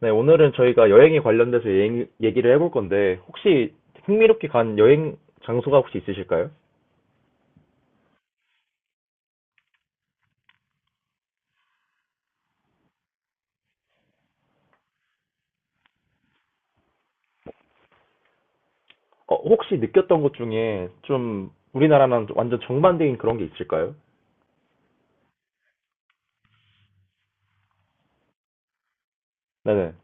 네, 오늘은 저희가 여행에 관련돼서 여행 얘기를 해볼 건데, 혹시 흥미롭게 간 여행 장소가 혹시 있으실까요? 혹시 느꼈던 것 중에 좀 우리나라랑 좀 완전 정반대인 그런 게 있을까요? 네네,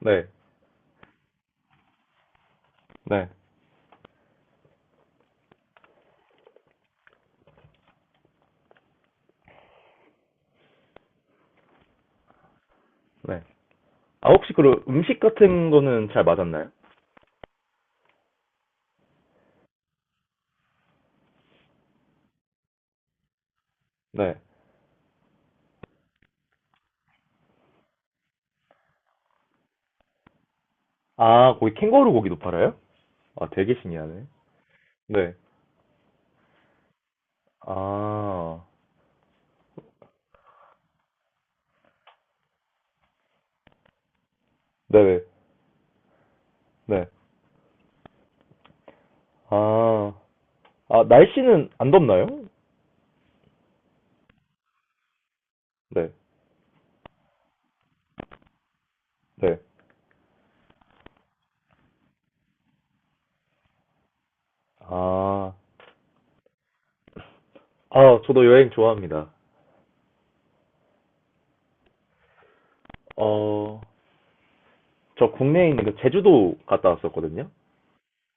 네, 네, 네. 아, 혹시 그 음식 같은 거는 잘 맞았나요? 네. 아, 거기 캥거루 고기도 팔아요? 아, 되게 신기하네. 네. 아, 네네, 네. 아, 아, 날씨는 안 덥나요? 네, 네. 아, 아, 저도 여행 좋아합니다. 어, 저 국내에 있는 그 제주도 갔다 왔었거든요.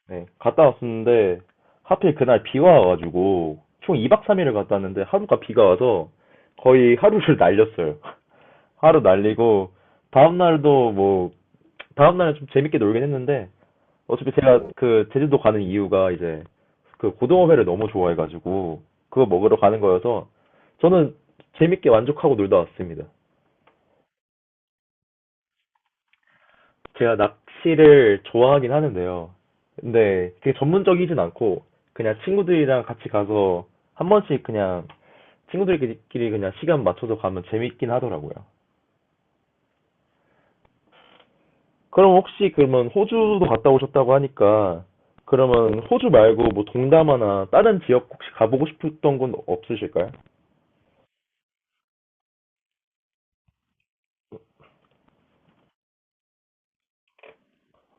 네, 갔다 왔었는데 하필 그날 비가 와가지고 총 2박 3일을 갔다 왔는데 하루가 비가 와서 거의 하루를 날렸어요. 하루 날리고 다음 날도 뭐 다음 날은 좀 재밌게 놀긴 했는데 어차피 제가 그 제주도 가는 이유가 이제 그 고등어회를 너무 좋아해가지고 그거 먹으러 가는 거여서 저는 재밌게 만족하고 놀다 왔습니다. 제가 낚시를 좋아하긴 하는데요. 근데 되게 전문적이진 않고 그냥 친구들이랑 같이 가서 한 번씩 그냥 친구들끼리 그냥 시간 맞춰서 가면 재밌긴 하더라고요. 그럼 혹시 그러면 호주도 갔다 오셨다고 하니까 그러면 호주 말고 뭐 동남아나 다른 지역 혹시 가보고 싶었던 곳 없으실까요?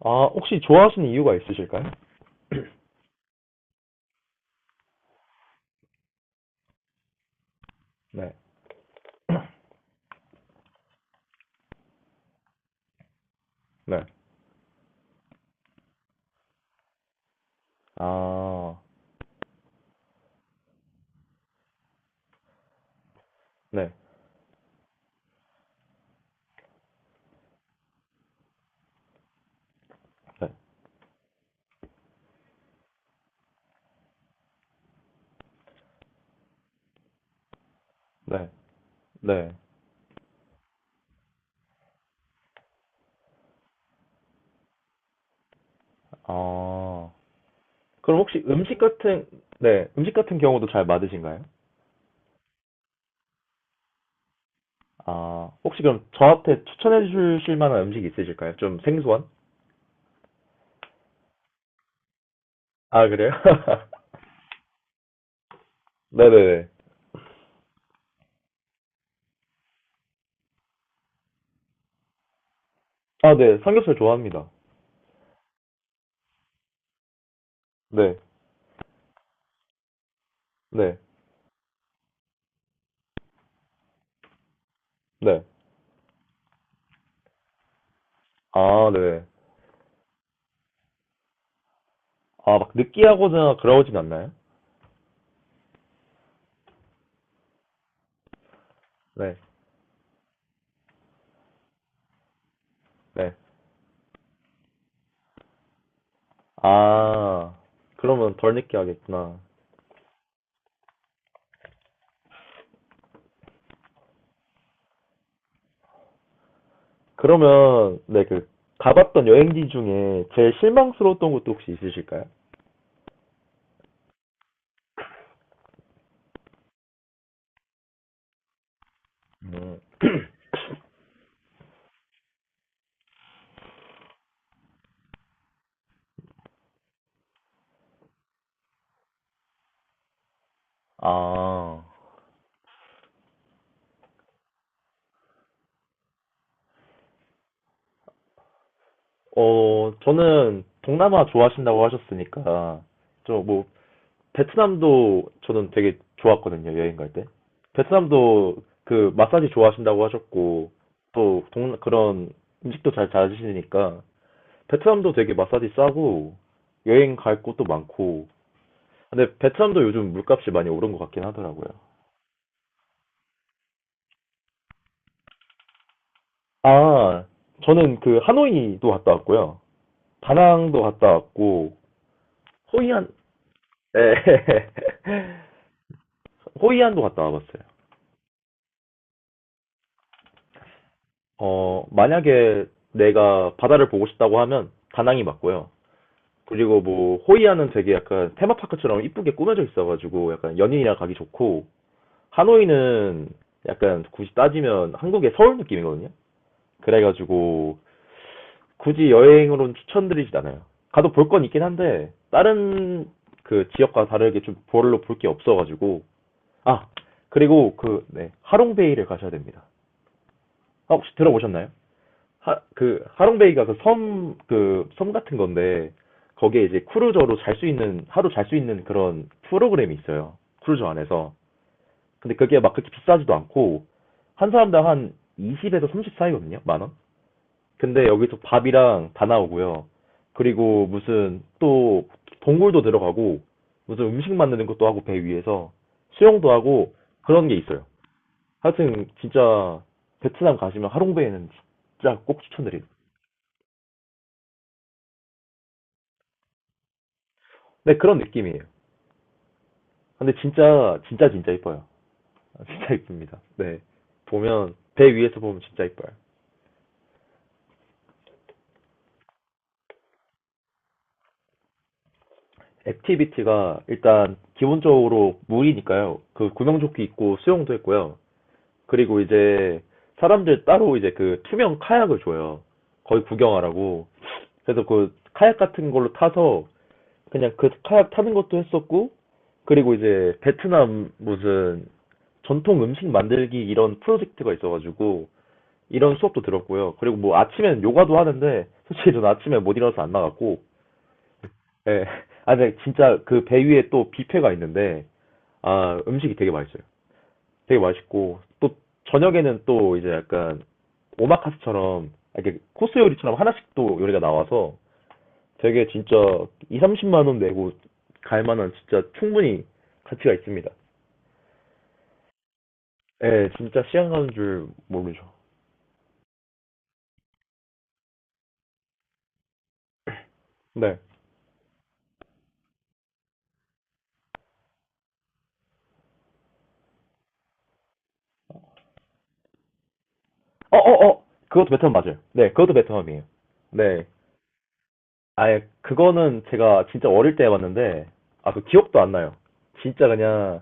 아, 혹시 좋아하시는 이유가 있으실까요? 네, 네. 아, 네, 네, 네, 네. 아. 그럼 혹시 네, 음식 같은 경우도 잘 맞으신가요? 아, 혹시 그럼 저한테 추천해 주실 만한 음식 있으실까요? 좀 생소한? 아, 그래요? 네네네. 아, 네. 삼겹살 좋아합니다. 네, 네, 네. 아, 네. 아, 막 느끼하거나 그러진 않나요? 네, 네. 아, 그러면 덜 느끼하겠구나. 그러면, 네, 가봤던 여행지 중에 제일 실망스러웠던 곳도 혹시 있으실까요? 음, 아. 저는 동남아 좋아하신다고 하셨으니까, 저 뭐, 베트남도 저는 되게 좋았거든요, 여행 갈 때. 베트남도 그 마사지 좋아하신다고 하셨고, 또 그런 음식도 잘잘으시니까 베트남도 되게 마사지 싸고, 여행 갈 곳도 많고, 근데 베트남도 요즘 물값이 많이 오른 것 같긴 하더라고요. 아, 저는 그 하노이도 갔다 왔고요. 다낭도 갔다 왔고, 호이안, 네. 호이안도 갔다 와봤어요. 만약에 내가 바다를 보고 싶다고 하면 다낭이 맞고요. 그리고 뭐 호이안은 되게 약간 테마파크처럼 이쁘게 꾸며져 있어가지고 약간 연인이랑 가기 좋고, 하노이는 약간 굳이 따지면 한국의 서울 느낌이거든요. 그래가지고 굳이 여행으로는 추천드리진 않아요. 가도 볼 건 있긴 한데 다른 그 지역과 다르게 좀 별로 볼 게 없어가지고, 아, 그리고 네, 하롱베이를 가셔야 됩니다. 아, 혹시 들어보셨나요? 그 하롱베이가 그 섬 같은 건데 거기에 이제 크루저로 잘 수 있는 하루 잘 수 있는 그런 프로그램이 있어요. 크루저 안에서. 근데 그게 막 그렇게 비싸지도 않고 한 사람당 한 20에서 30 사이거든요. 만 원. 근데 여기서 밥이랑 다 나오고요. 그리고 무슨 또 동굴도 들어가고 무슨 음식 만드는 것도 하고 배 위에서 수영도 하고 그런 게 있어요. 하여튼 진짜 베트남 가시면 하롱베이는 진짜 꼭 추천드립니다. 네, 그런 느낌이에요. 근데 진짜, 진짜, 진짜 이뻐요. 진짜 이쁩니다. 네. 배 위에서 보면 진짜 이뻐요. 액티비티가 일단 기본적으로 물이니까요. 그 구명조끼 입고 수영도 했고요. 그리고 이제 사람들 따로 이제 그 투명 카약을 줘요. 거의 구경하라고. 그래서 그 카약 같은 걸로 타서 그냥 그 카약 타는 것도 했었고, 그리고 이제 베트남 무슨 전통 음식 만들기 이런 프로젝트가 있어가지고 이런 수업도 들었고요. 그리고 뭐 아침엔 요가도 하는데 솔직히 저는 아침에 못 일어나서 안 나갔고. 예. 아, 근데 진짜 그 배 위에 또 뷔페가 있는데, 아, 음식이 되게 맛있어요. 되게 맛있고 또 저녁에는 또 이제 약간 오마카스처럼 이렇게 코스 요리처럼 하나씩 또 요리가 나와서 되게 진짜 2, 30만 원 내고 갈 만한 진짜 충분히 가치가 있습니다. 예, 진짜 시간 가는 줄 모르죠. 네. 어, 어, 어. 그것도 베트남 맞아요. 네, 그것도 베트남이에요. 네. 아예 그거는 제가 진짜 어릴 때 봤는데 아, 그 기억도 안 나요. 진짜 그냥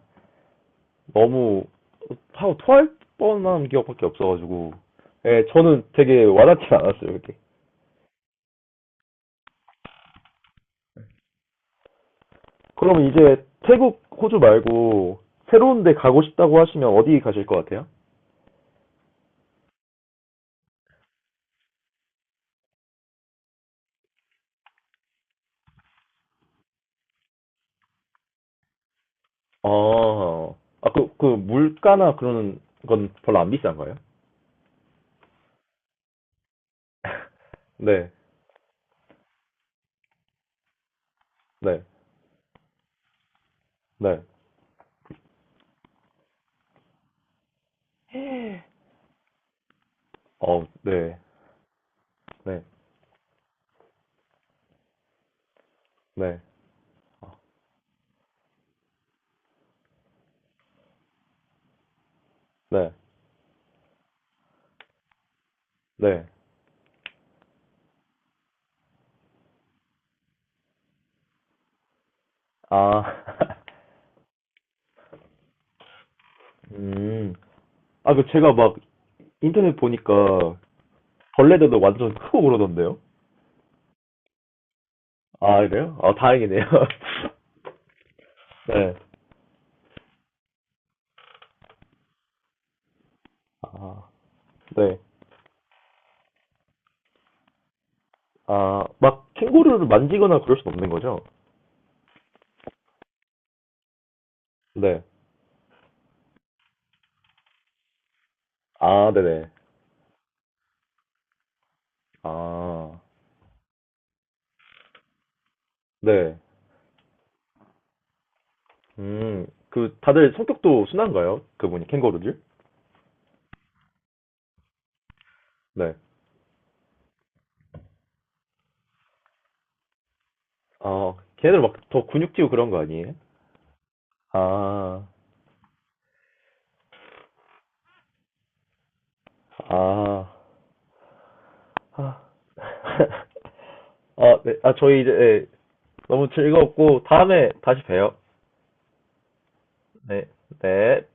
너무 하고 토할 뻔한 기억밖에 없어가지고, 예, 저는 되게 와닿진 않았어요, 그게. 그럼 이제 태국 호주 말고 새로운 데 가고 싶다고 하시면 어디 가실 것 같아요? 아, 아, 물가나 그런 건 별로 안 비싼 거예요? 네, 네, 네, 어, 네, 네, 네, 어, 네, 네. 아, 음, 아, 제가 막 인터넷 보니까 벌레들도 완전 크고 그러던데요? 아, 그래요? 아, 다행이네요. 네. 아, 네. 아, 막 캥거루를 만지거나 그럴 순 없는 거죠? 네. 아, 네네. 아, 네. 그 다들 성격도 순한가요? 그분이 캥거루들? 네. 아, 걔네들 막 더 근육지고 그런 거 아니에요? 아, 아, 아, 아, 네. 아, 저희 이제 네. 너무 즐거웠고 다음에 다시 봬요. 네, 네.